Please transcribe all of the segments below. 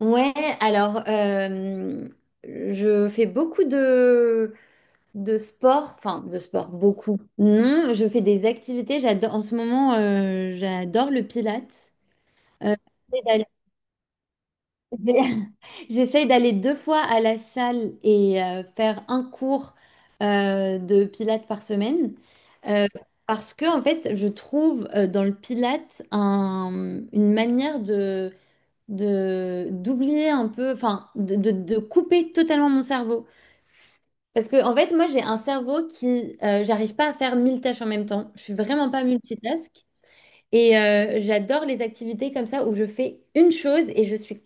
Ouais, alors euh, je fais beaucoup de sport, enfin de sport, beaucoup. Non, je fais des activités, j'adore, en ce moment, j'adore le pilates. Euh, j'essaie d'aller- j'essaie d'aller deux fois à la salle et faire un cours de pilates par semaine. Euh, parce que en fait, je trouve dans le pilates une manière de d'oublier un peu, enfin de couper totalement mon cerveau. Parce que en fait, moi j'ai un cerveau qui, j'arrive pas à faire mille tâches en même temps. Je suis vraiment pas multitask. Et j'adore les activités comme ça où je fais une chose et je suis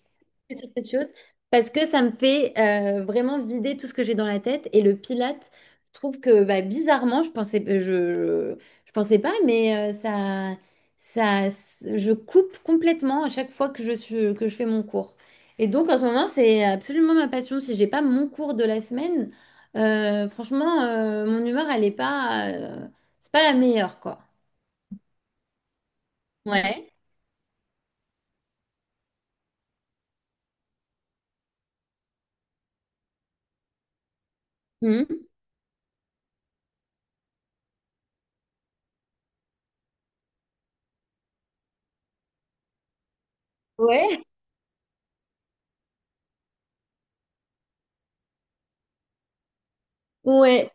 sur cette chose parce que ça me fait vraiment vider tout ce que j'ai dans la tête. Et le Pilate, je trouve que bah, bizarrement, je pensais pas, mais ça, je coupe complètement à chaque fois que que je fais mon cours. Et donc en ce moment, c'est absolument ma passion. Si j'ai pas mon cours de la semaine, franchement, mon humeur, elle est pas, c'est pas la meilleure, quoi. Ouais. Mhm. Ouais. Ouais.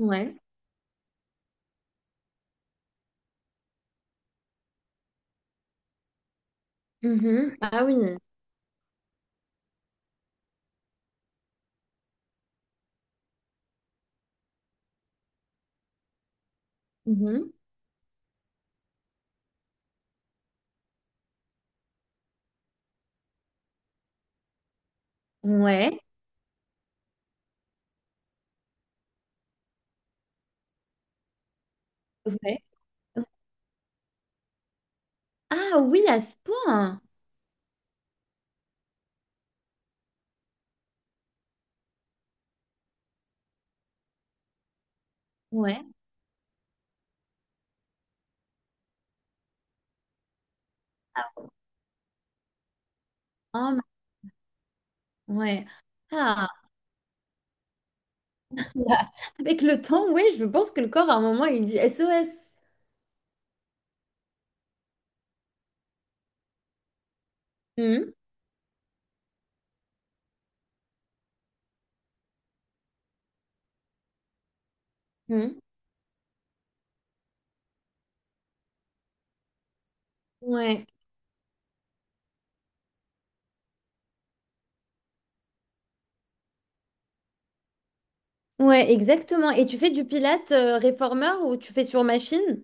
Ouais. Mhm. Ah oui. Mhm. Ouais. Ouais. Ah oui, à ce point. Ouais. Ah, ah, ma- ouais. Ah. Là, avec le temps, ouais, je pense que le corps, à un moment, il dit SOS. Hum, hum. Ouais. Ouais, exactement. Et tu fais du pilate réformeur ou tu fais sur machine?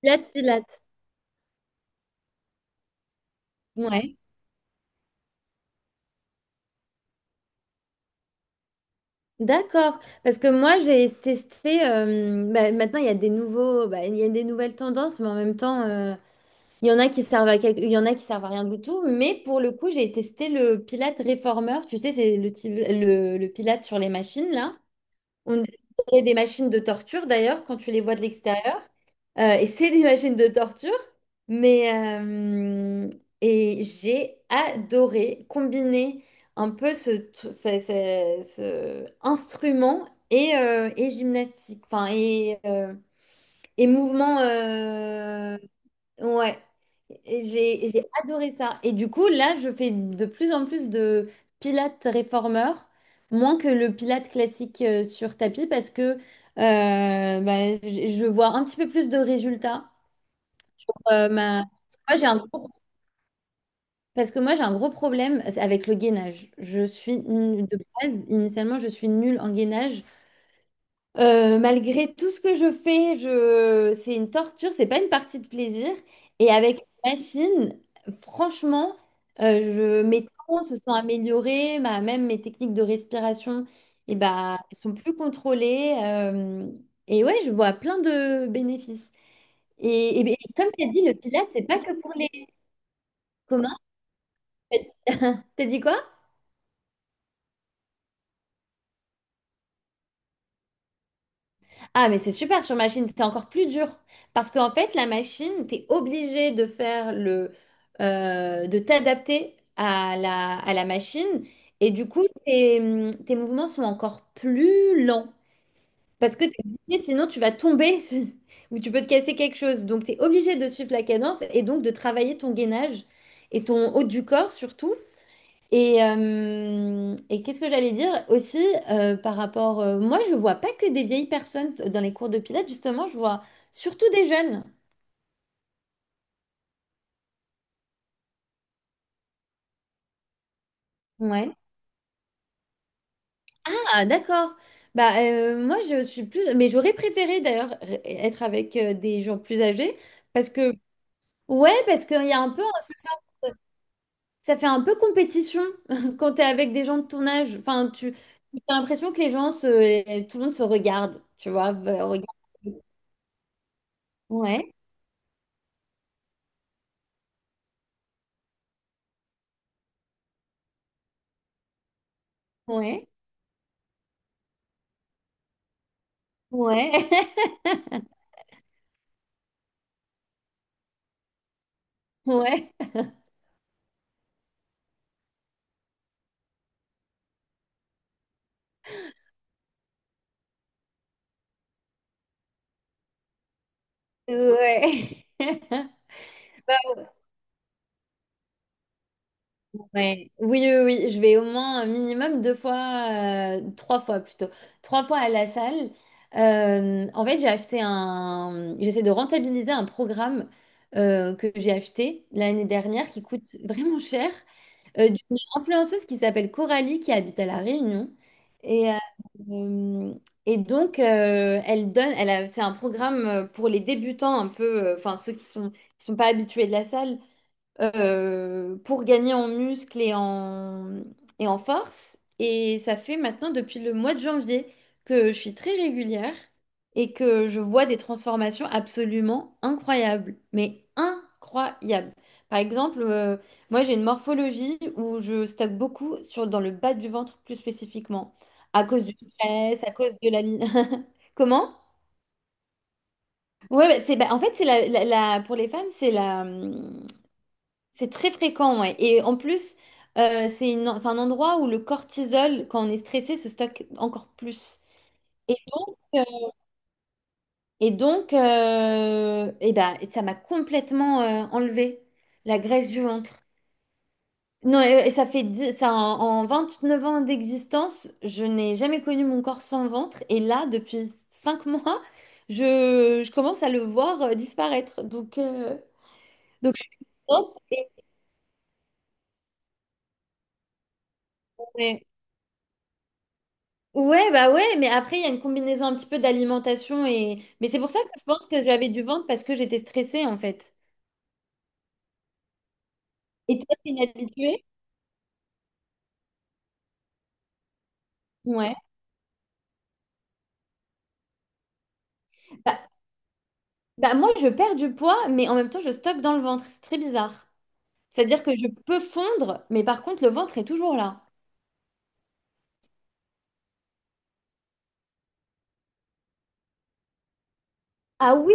Pilate, pilate. Ouais. D'accord. Parce que moi, j'ai testé. Bah, maintenant, il y a des nouveaux, bah, il y a des nouvelles tendances, mais en même temps. Il y en a qui servent à quelque- Il y en a qui servent à rien du tout, mais pour le coup, j'ai testé le Pilate Reformer. Tu sais, c'est le Pilate sur les machines, là. On dirait des machines de torture, d'ailleurs, quand tu les vois de l'extérieur. Et c'est des machines de torture. Mais j'ai adoré combiner un peu ce, tr- ce- ce- ce instrument et gymnastique, et mouvement. Ouais, j'ai adoré ça. Et du coup, là, je fais de plus en plus de pilates réformeur, moins que le pilates classique sur tapis, parce que je vois un petit peu plus de résultats. Ma... moi, j'ai un gros... Parce que moi, j'ai un gros problème avec le gainage. De base, initialement, je suis nulle en gainage. Malgré tout ce que je fais, je... c'est une torture, c'est pas une partie de plaisir. Et avec une machine, franchement, je... mes temps se sont améliorés, même mes techniques de respiration, et bah, elles sont plus contrôlées. Et ouais, je vois plein de bénéfices. Et comme tu as dit, le pilates, c'est pas que pour les communs. T'as dit quoi? Ah, mais c'est super sur machine, c'est encore plus dur. Parce qu'en fait, la machine, t'es obligé de faire de t'adapter à la machine. Et du coup, tes mouvements sont encore plus lents. Parce que t'es obligé, sinon tu vas tomber ou tu peux te casser quelque chose. Donc, t'es obligé de suivre la cadence et donc de travailler ton gainage et ton haut du corps surtout. Et qu'est-ce que j'allais dire aussi par rapport... moi, je vois pas que des vieilles personnes dans les cours de pilates, justement, je vois surtout des jeunes. Ouais. Ah, d'accord. Bah, moi, je suis plus... Mais j'aurais préféré, d'ailleurs, être avec des gens plus âgés parce que... Ouais, parce qu'il y a un peu... Ça fait un peu compétition quand t'es avec des gens de ton âge. Enfin, tu as l'impression que les gens se... Tout le monde se regarde, tu vois. V- regarde. Ouais, ouais, ouais. Ouais, ouais. Ouais. Oui, oui, oui, je vais au moins un minimum deux fois, trois fois plutôt, trois fois à la salle. En fait, j'essaie de rentabiliser un programme que j'ai acheté l'année dernière qui coûte vraiment cher, d'une influenceuse qui s'appelle Coralie qui habite à La Réunion. Et, euh, et donc, elle donne, elle a- C'est un programme pour les débutants un peu, enfin ceux qui sont pas habitués de la salle pour gagner en muscle et en force. Et ça fait maintenant depuis le mois de janvier que je suis très régulière et que je vois des transformations absolument incroyables, mais incroyables. Par exemple, moi j'ai une morphologie où je stocke beaucoup dans le bas du ventre plus spécifiquement, à cause du stress, à cause de la ligne. Comment? Ouais, bah, c'est bah, en fait c'est pour les femmes c'est la c'est très fréquent, ouais. Et en plus, c'est c'est un endroit où le cortisol, quand on est stressé, se stocke encore plus. Et, euh, et donc, ça m'a complètement enlevé la graisse du ventre. Non, et ça fait dix- ça, en, En 29 ans d'existence, je n'ai jamais connu mon corps sans ventre. Et là, depuis 5 mois, je commence à le voir disparaître. Donc je suis contente. Et, ouais. Ouais, bah ouais, mais après, il y a une combinaison un petit peu d'alimentation et... Mais c'est pour ça que je pense que j'avais du ventre parce que j'étais stressée, en fait. Et toi, t'es une habituée? Ouais. Bah, bah moi, je perds du poids, mais en même temps, je stocke dans le ventre. C'est très bizarre. C'est-à-dire que je peux fondre, mais par contre, le ventre est toujours là. Ah oui,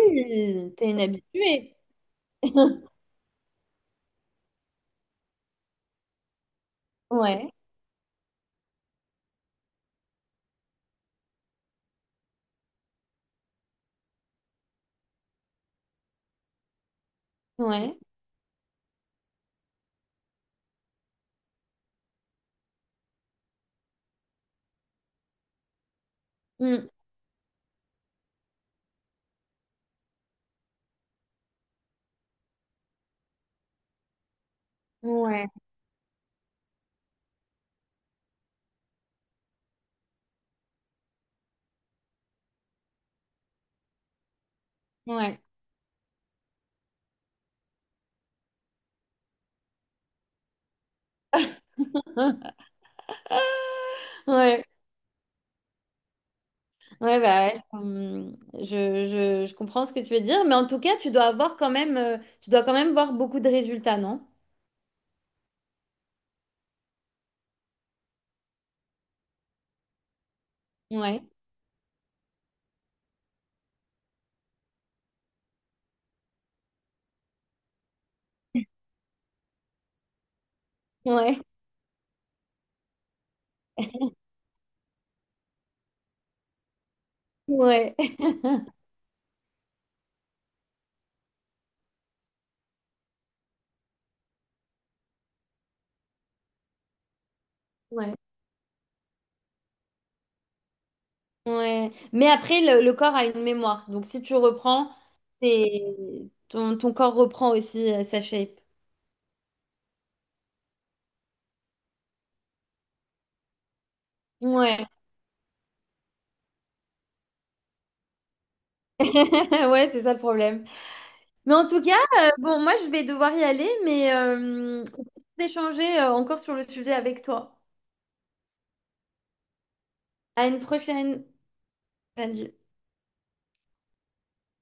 t'es une habituée. Ouais, ouais. Mm. Ouais, ouais. Ouais, ouais, bah, ouais, je comprends ce que tu veux dire, mais en tout cas, tu dois avoir quand même, tu dois quand même voir beaucoup de résultats, non? Ouais, ouais, ouais, ouais, ouais. Mais après, le corps a une mémoire, donc si tu reprends, ton corps reprend aussi sa shape. Ouais, ouais, c'est ça le problème. Mais en tout cas, bon, moi, je vais devoir y aller, mais on peut échanger encore sur le sujet avec toi. À une prochaine. Salut.